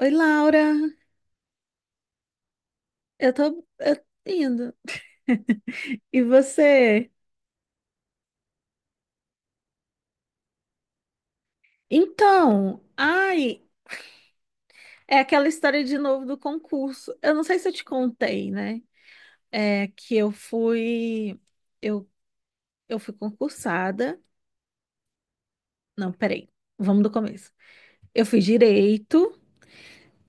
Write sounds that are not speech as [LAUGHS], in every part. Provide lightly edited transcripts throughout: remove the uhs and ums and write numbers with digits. Oi, Laura. Eu tô indo. E você? Então, é aquela história de novo do concurso. Eu não sei se eu te contei, né? É que eu, eu fui concursada. Não, peraí. Vamos do começo. Eu fiz direito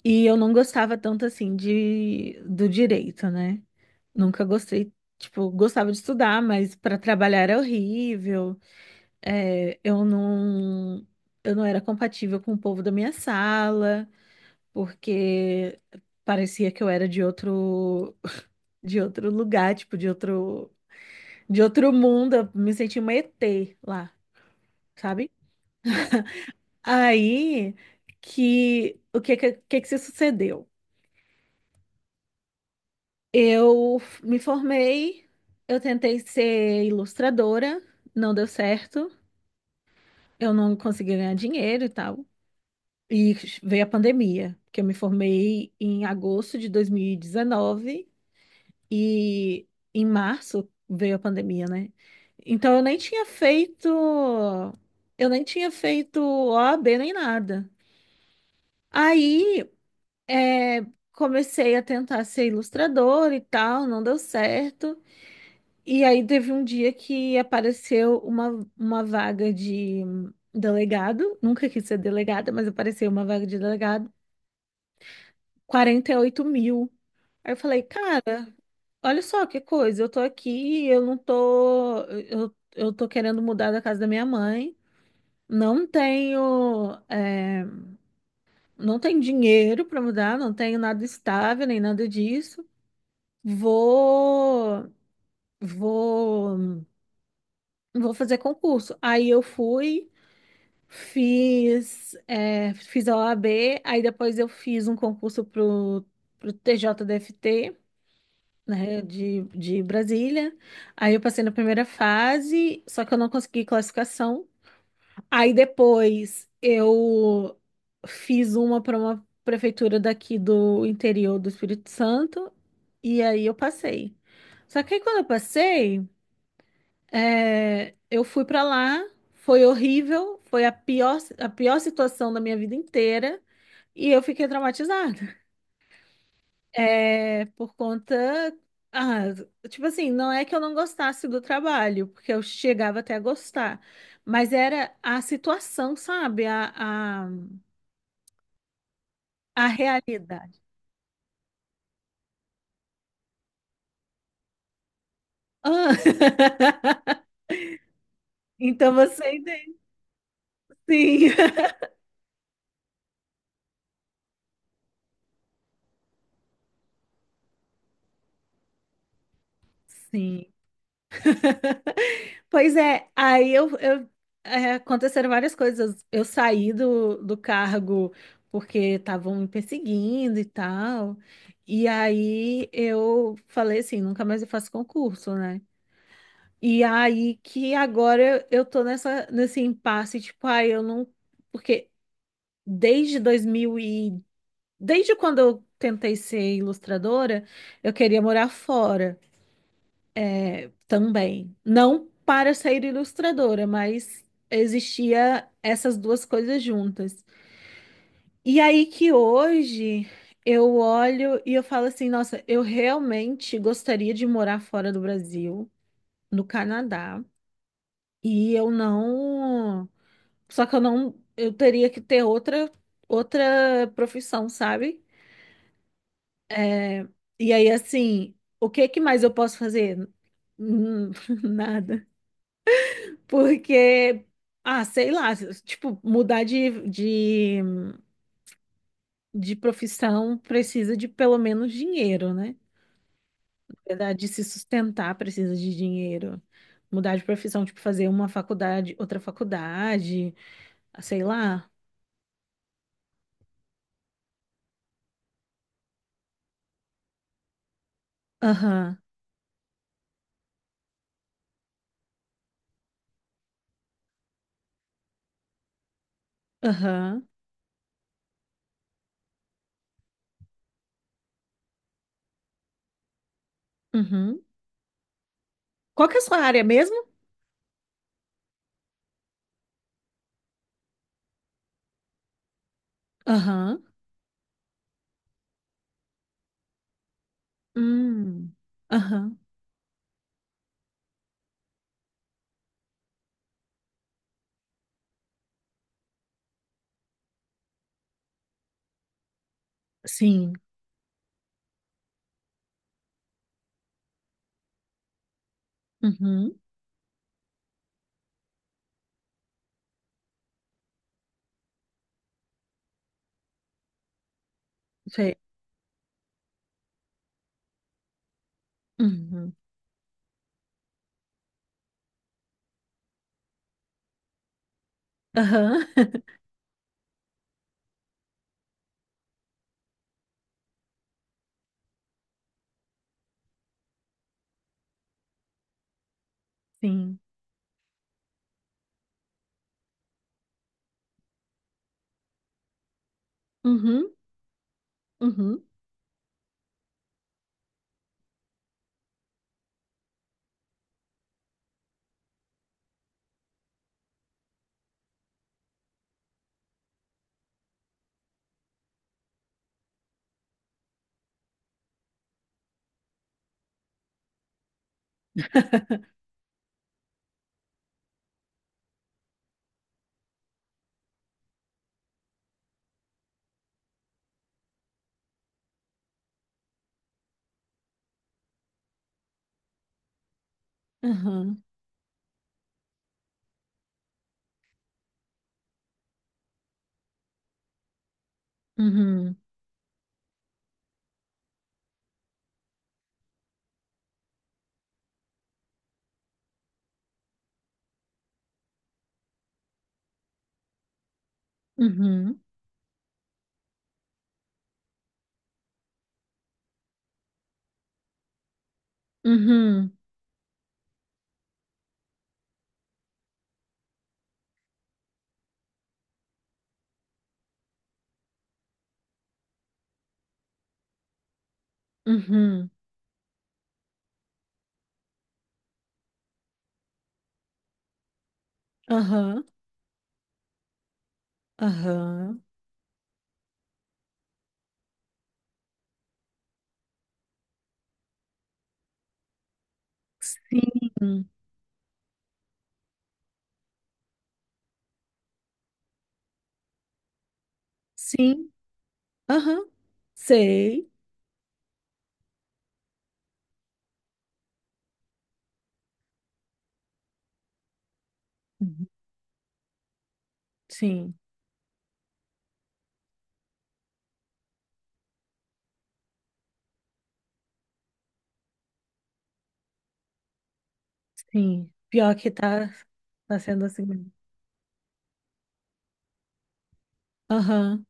e eu não gostava tanto assim de do direito, né? Nunca gostei, tipo, gostava de estudar, mas para trabalhar era horrível. É, eu não era compatível com o povo da minha sala, porque parecia que eu era de outro, [LAUGHS] de outro lugar, tipo, de outro mundo. Eu me sentia uma ET lá, sabe? Aí que o que que se sucedeu? Me formei, eu tentei ser ilustradora, não deu certo, eu não consegui ganhar dinheiro e tal. E veio a pandemia, que eu me formei em agosto de 2019 e em março veio a pandemia, né? Então eu nem tinha feito OAB nem nada. Aí é, comecei a tentar ser ilustradora e tal, não deu certo. E aí teve um dia que apareceu uma vaga de delegado, nunca quis ser delegada, mas apareceu uma vaga de delegado. 48.000. Aí eu falei, cara, olha só que coisa, eu tô aqui, eu não tô, eu tô querendo mudar da casa da minha mãe, não tenho, é, não tenho dinheiro para mudar, não tenho nada estável, nem nada disso. Vou, vou, Vou fazer concurso. Aí eu fui, fiz a OAB, aí depois eu fiz um concurso pro TJDFT. Né, de Brasília. Aí eu passei na primeira fase, só que eu não consegui classificação. Aí depois eu fiz uma para uma prefeitura daqui do interior do Espírito Santo, e aí eu passei. Só que aí quando eu passei, eu fui para lá, foi horrível, foi a pior situação da minha vida inteira, e eu fiquei traumatizada. É, por conta. Ah, tipo assim, não é que eu não gostasse do trabalho, porque eu chegava até a gostar, mas era a situação, sabe? A, a realidade. Ah, [LAUGHS] então você entende. Sim. [LAUGHS] Sim. [LAUGHS] Pois é, aconteceram várias coisas. Eu saí do cargo porque estavam me perseguindo e tal. E aí eu falei assim, nunca mais eu faço concurso, né? E aí que agora eu tô nesse impasse, tipo, ai, eu não. Porque desde 2000 e. Desde quando eu tentei ser ilustradora, eu queria morar fora. É, também. Não para ser ilustradora, mas existia essas duas coisas juntas. E aí que hoje eu olho e eu falo assim, nossa, eu realmente gostaria de morar fora do Brasil, no Canadá, e eu não, só que eu não, eu teria que ter outra profissão, sabe? É, e aí assim, o que que mais eu posso fazer? Hum, [LAUGHS] nada. Porque, ah, sei lá, tipo, mudar de profissão precisa de pelo menos dinheiro, né? Na verdade, de se sustentar precisa de dinheiro. Mudar de profissão, tipo, fazer uma faculdade, outra faculdade, ah, sei lá. Aham, aham, uhum. Qual que é a sua área mesmo? Aham, hum, aham, sim, uhum, sei, uhum, aham, [LAUGHS] sim, uhum, uhum, aham, uhum. Uhum, uhum, uhum, aham, aham, sim, sim, aham, sei, uhum, sim, sim, pior que tá, tá sendo assim mesmo, aham,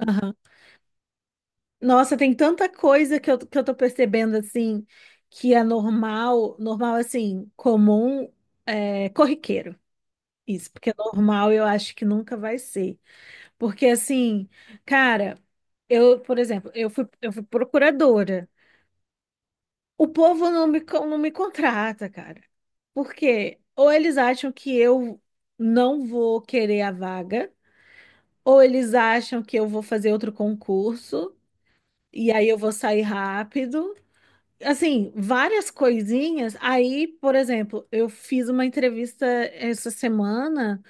aham, nossa, tem tanta coisa que eu tô percebendo, assim, que é normal, assim, comum, é, corriqueiro, isso, porque normal eu acho que nunca vai ser. Porque assim, cara, eu, por exemplo, eu fui procuradora. O povo não me, não me contrata, cara. Por quê? Ou eles acham que eu não vou querer a vaga, ou eles acham que eu vou fazer outro concurso e aí eu vou sair rápido. Assim, várias coisinhas. Aí, por exemplo, eu fiz uma entrevista essa semana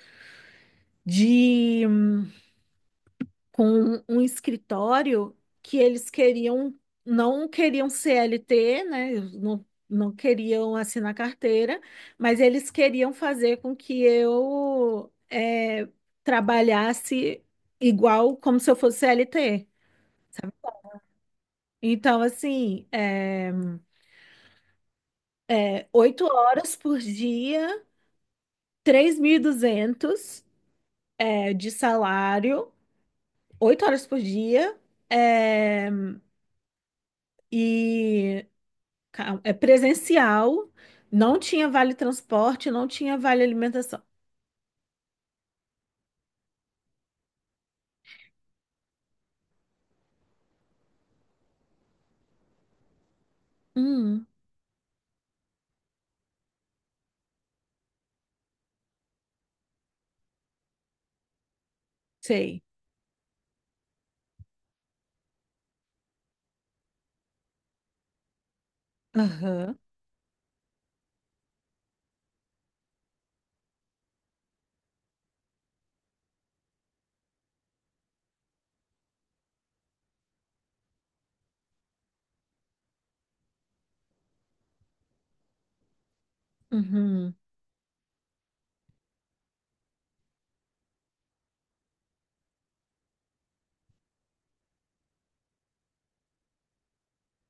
com um escritório que eles queriam, não queriam CLT, né? Não, não queriam assinar carteira, mas eles queriam fazer com que eu trabalhasse igual como se eu fosse CLT. Então, assim, 8 horas por dia, 3.200 de salário, 8 horas por dia, eh, e é presencial, não tinha vale transporte, não tinha vale alimentação. Hum, sei. Aham. Uhum.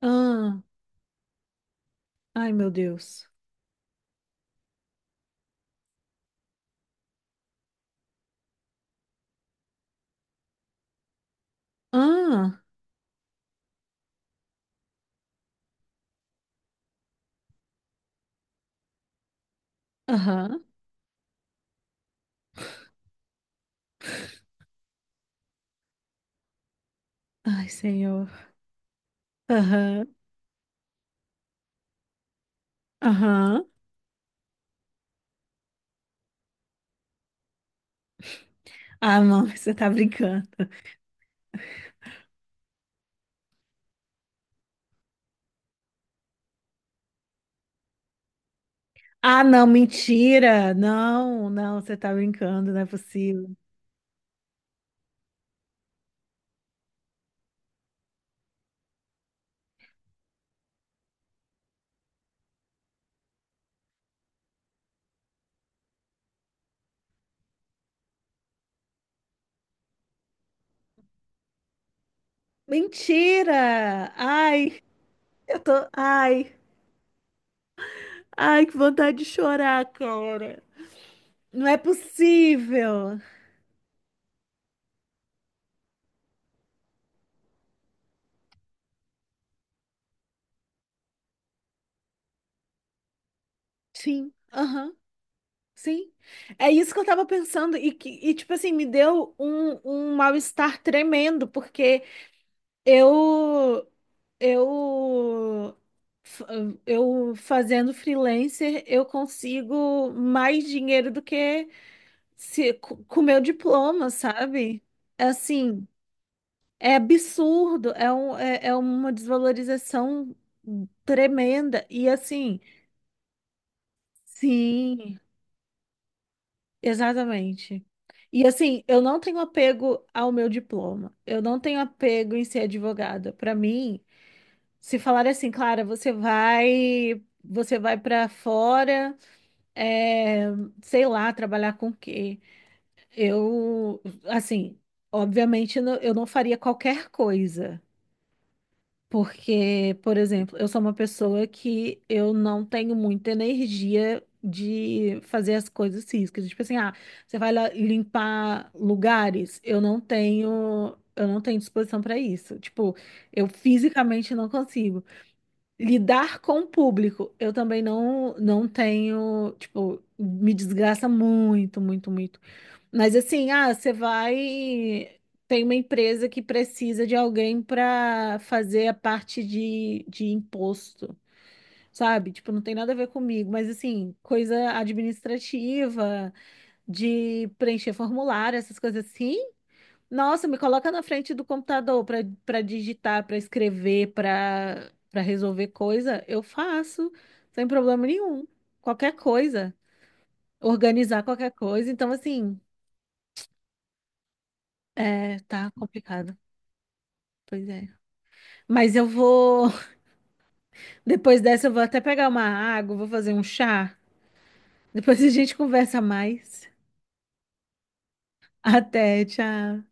Ah, ai, meu Deus. Ah, aham. Ai, Senhor. Aham. Aham. Ah, não, [LAUGHS] você tá brincando. Ah, não, mentira. Não, não, você tá brincando, não é possível. Mentira! Ai, eu tô. Ai, ai, que vontade de chorar, cara. Não é possível. Sim, aham, sim. É isso que eu tava pensando e que e, tipo assim, me deu um mal-estar tremendo, porque eu eu f- eu fazendo freelancer, eu consigo mais dinheiro do que se com meu diploma, sabe? Assim, é absurdo, é uma desvalorização tremenda e assim, sim. Exatamente. E assim, eu não tenho apego ao meu diploma. Eu não tenho apego em ser advogada. Para mim, se falar assim, Clara, você vai para fora, é, sei lá, trabalhar com o quê? Eu, assim, obviamente, eu não faria qualquer coisa. Porque, por exemplo, eu sou uma pessoa que eu não tenho muita energia de fazer as coisas físicas. Tipo assim, ah, você vai lá limpar lugares, eu não tenho disposição para isso. Tipo, eu fisicamente não consigo. Lidar com o público, eu também não tenho, tipo, me desgraça muito, muito, muito. Mas assim, ah, você vai. Tem uma empresa que precisa de alguém para fazer a parte de imposto, sabe? Tipo, não tem nada a ver comigo, mas assim, coisa administrativa, de preencher formulário, essas coisas assim. Nossa, me coloca na frente do computador para digitar, para escrever, para resolver coisa, eu faço, sem problema nenhum. Qualquer coisa, organizar qualquer coisa. Então, assim, é, tá complicado. Pois é. Mas eu vou. [LAUGHS] Depois dessa, eu vou até pegar uma água, vou fazer um chá. Depois a gente [LAUGHS] conversa mais. Até, tchau.